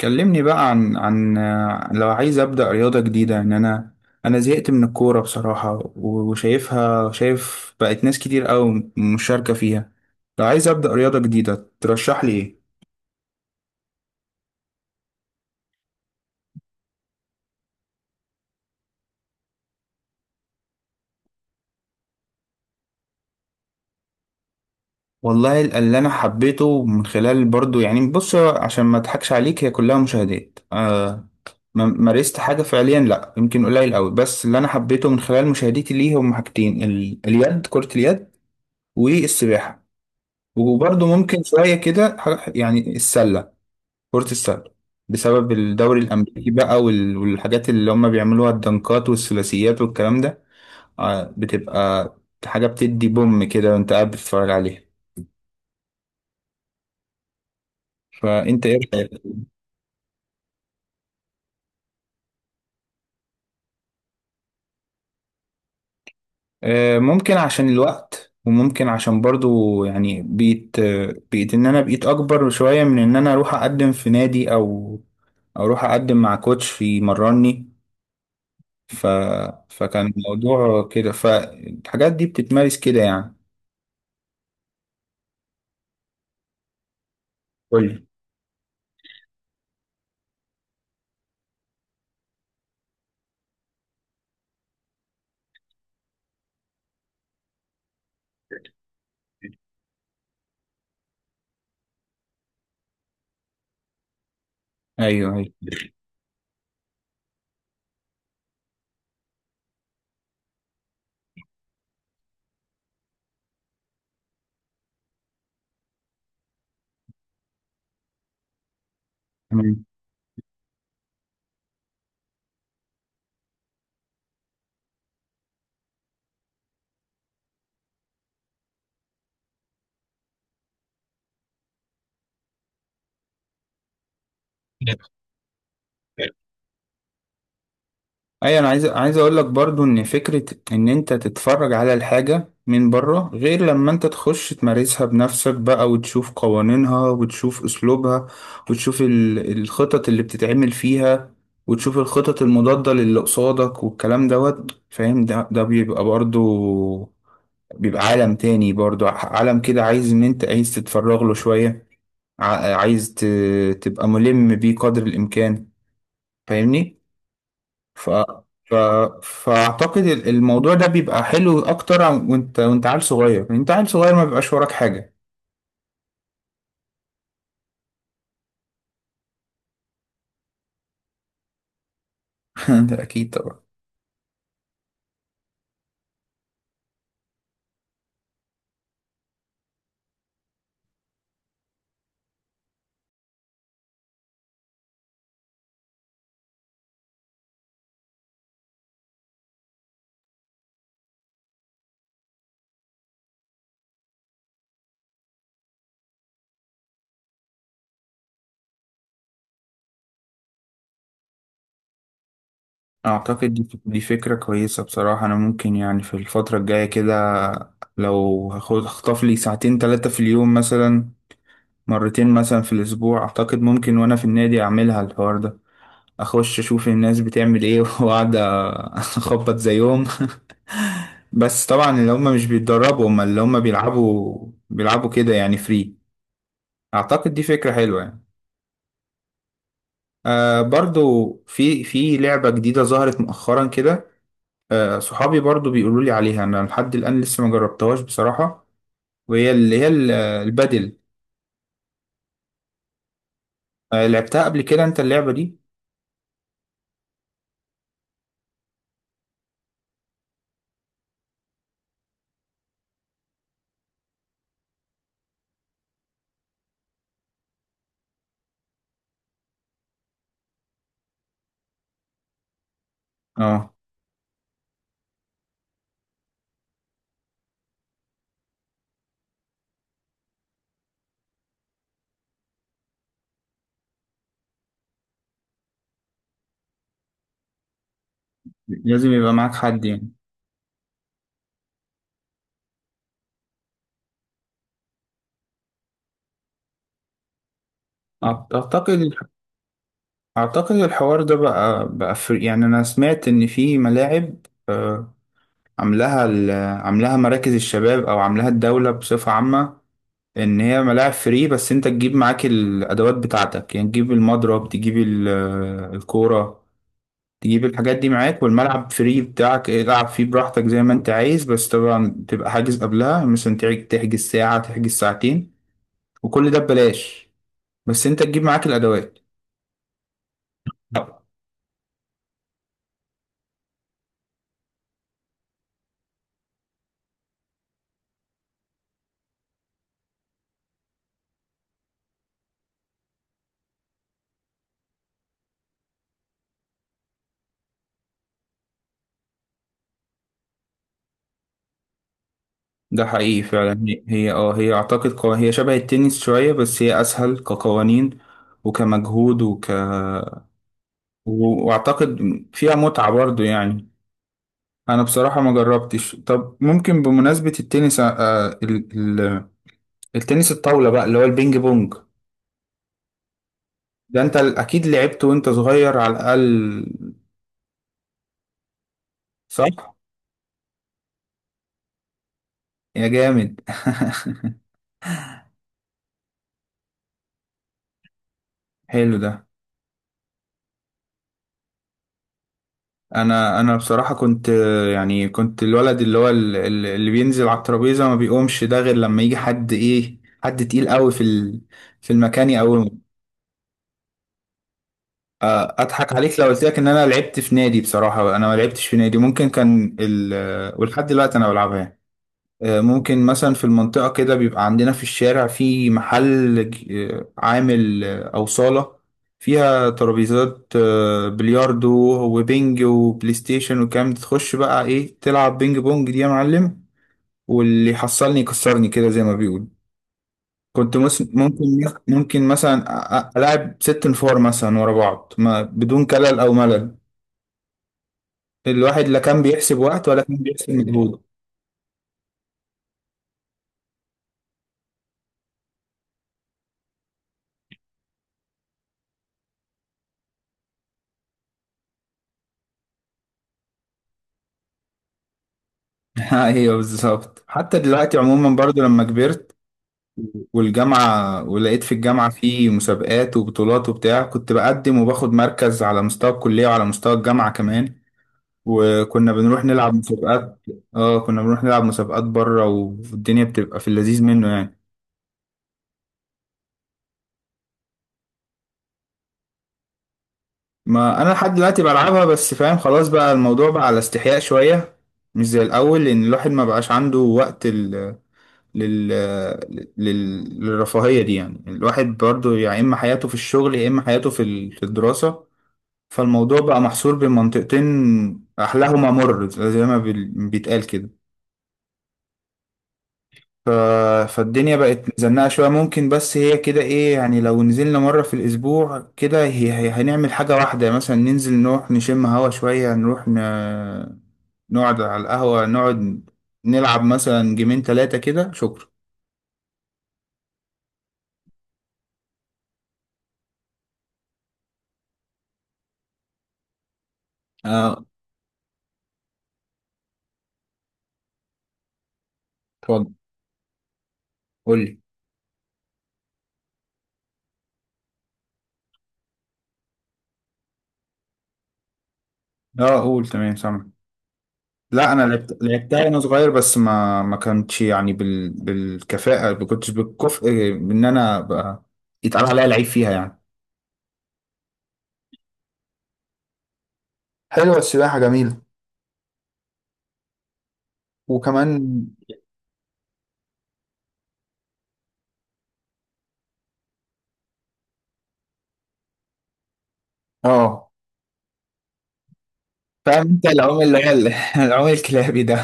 كلمني بقى عن لو عايز أبدأ رياضة جديدة، يعني أنا زهقت من الكورة بصراحة، شايف بقت ناس كتير أوي مشاركة فيها. لو عايز أبدأ رياضة جديدة ترشح لي إيه؟ والله اللي أنا حبيته من خلال، برضو يعني بص عشان ما أضحكش عليك، هي كلها مشاهدات. مارست حاجة فعليا لأ، يمكن قليل أوي. بس اللي أنا حبيته من خلال مشاهدتي ليه هم حاجتين، ال- اليد كرة اليد والسباحة. وبرضه ممكن شوية كده يعني السلة، كرة السلة. بسبب الدوري الأمريكي بقى، والحاجات اللي هم بيعملوها، الدنكات والثلاثيات والكلام ده. بتبقى حاجة بتدي بوم كده وأنت قاعد بتتفرج عليها. فأنت إيه رأيك؟ ممكن عشان الوقت، وممكن عشان برضو يعني بقيت إن أنا بقيت أكبر شوية من إن أنا أروح أقدم في نادي، أو أروح أقدم مع كوتش يمرني. ف... فكان الموضوع كده، فالحاجات دي بتتمارس كده يعني. قول لي. ايوه، ايوه. تمام. ايوه، انا عايز اقول لك برضو ان فكره ان انت تتفرج على الحاجه من بره غير لما انت تخش تمارسها بنفسك بقى، وتشوف قوانينها، وتشوف اسلوبها، وتشوف الخطط اللي بتتعمل فيها، وتشوف الخطط المضاده للي قصادك والكلام دوت، فاهم؟ ده بيبقى برضو، بيبقى عالم تاني برضو، عالم كده عايز ان انت عايز تتفرغ له شويه، عايز تبقى ملم بيه قدر الامكان، فاهمني؟ ف... ف... فاعتقد الموضوع ده بيبقى حلو اكتر، وانت عيل صغير، يعني انت عيل صغير ما بيبقاش وراك حاجه. ده اكيد طبعا. اعتقد دي فكره كويسه بصراحه، انا ممكن يعني في الفتره الجايه كده، لو هاخد اخطف لي ساعتين ثلاثه في اليوم مثلا، مرتين مثلا في الاسبوع. اعتقد ممكن وانا في النادي اعملها الحوار ده، اخش اشوف الناس بتعمل ايه واقعد اخبط زيهم بس طبعا اللي هم مش بيتدربوا، هم اللي هم بيلعبوا كده يعني فري. اعتقد دي فكرة حلوة يعني. برضو في لعبة جديدة ظهرت مؤخرا كده، صحابي برضو بيقولوا لي عليها، انا لحد الآن لسه ما جربتهاش بصراحة. وهي اللي هي البادل. لعبتها قبل كده انت اللعبة دي؟ اه، لازم يبقى معاك حد يعني. أعت- اعتقد اعتقد الحوار ده بقى يعني انا سمعت ان في ملاعب، آه عاملاها ال- عاملاها مراكز الشباب او عاملاها الدولة بصفة عامة. ان هي ملاعب فري، بس انت تجيب معاك الادوات بتاعتك، يعني تجيب المضرب، تجيب الكورة، تجيب الحاجات دي معاك، والملعب فري بتاعك، العب فيه براحتك زي ما انت عايز. بس طبعا تبقى حاجز قبلها، مثلا تحجز ساعة، تحجز ساعتين، وكل ده ببلاش، بس انت تجيب معاك الادوات. لا. ده حقيقي فعلا، هي اعتقد، هي شبه التنس شوية، بس هي اسهل كقوانين، وكمجهود، واعتقد فيها متعة برضو يعني. انا بصراحة ما جربتش. طب ممكن بمناسبة التنس، آه ال ال التنس الطاولة بقى اللي هو البينج بونج، ده انت اكيد لعبت وانت صغير على الاقل، صح؟ يا جامد. حلو ده. انا بصراحة كنت، يعني كنت الولد اللي هو اللي بينزل على الترابيزة ما بيقومش، ده غير لما يجي حد ايه، حد تقيل قوي في في المكان يقومه. اضحك عليك لو قلت لك ان انا لعبت في نادي، بصراحة انا ما لعبتش في نادي. ممكن كان ال آه، ولحد دلوقتي انا بلعبها. ممكن مثلا في المنطقة كده بيبقى عندنا في الشارع، في محل عامل، أو صالة فيها ترابيزات، بلياردو وبينج وبلاي ستيشن. وكام تخش بقى ايه، تلعب بينج بونج دي يا معلم، واللي يحصلني يكسرني كده زي ما بيقول. كنت مس- ممكن ممكن مثلا ألعب ست نفار مثلا ورا بعض، ما بدون كلل أو ملل. الواحد لا كان بيحسب وقت ولا كان بيحسب مجهود. ايوه بالظبط. حتى دلوقتي عموما برضو، لما كبرت والجامعة، ولقيت في الجامعة في مسابقات وبطولات وبتاع، كنت بقدم وباخد مركز على مستوى الكلية وعلى مستوى الجامعة كمان. وكنا بنروح نلعب مسابقات. اه، كنا بنروح نلعب مسابقات بره، والدنيا بتبقى في اللذيذ منه يعني. ما انا لحد دلوقتي بلعبها، بس فاهم، خلاص بقى الموضوع بقى على استحياء شوية، مش زي الاول، لان الواحد ما بقاش عنده وقت لل... للرفاهية دي، يعني الواحد برضو، يا يعني اما حياته في الشغل يا اما حياته في في الدراسة. فالموضوع بقى محصور بين منطقتين أحلاهما مر، زي ما بيتقال كده. ف... فالدنيا بقت مزنقة شوية ممكن، بس هي كده إيه يعني، لو نزلنا مرة في الأسبوع كده هي هنعمل حاجة واحدة مثلا، ننزل نروح نشم هوا شوية، نروح نقعد على القهوة، نقعد نلعب مثلا جيمين تلاتة كده، شكرا. اه، اتفضل. قول لي. اه، قول تمام، سامع. لا، انا لعبتها وانا صغير، بس ما كانتش يعني بالكفاءه، ما كنتش بالكفء. ان انا ابقى يتقال عليا لعيب فيها يعني. حلوة، السباحة جميلة، وكمان. اه، فاهم انت العوم اللي هي العوم الكلابي ده.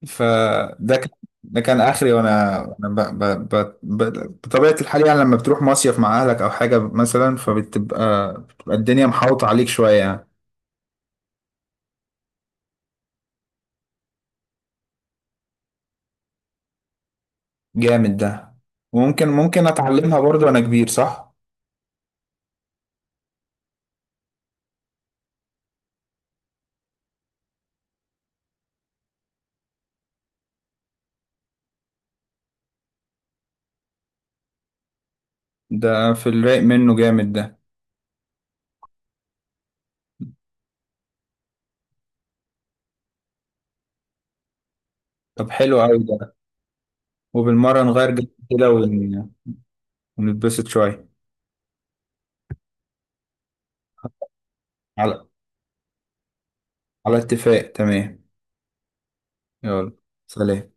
فده كان ده كان اخري، وانا بطبيعه الحال، يعني لما بتروح مصيف مع اهلك او حاجه مثلا، فبتبقى الدنيا محاوطه عليك شويه يعني. جامد ده. وممكن اتعلمها برضو وانا كبير، صح؟ ده في الرايق منه، جامد ده. طب حلو قوي ده. وبالمرة نغير جو كده ونتبسط شوية. على على اتفاق، تمام، يلا، سلام.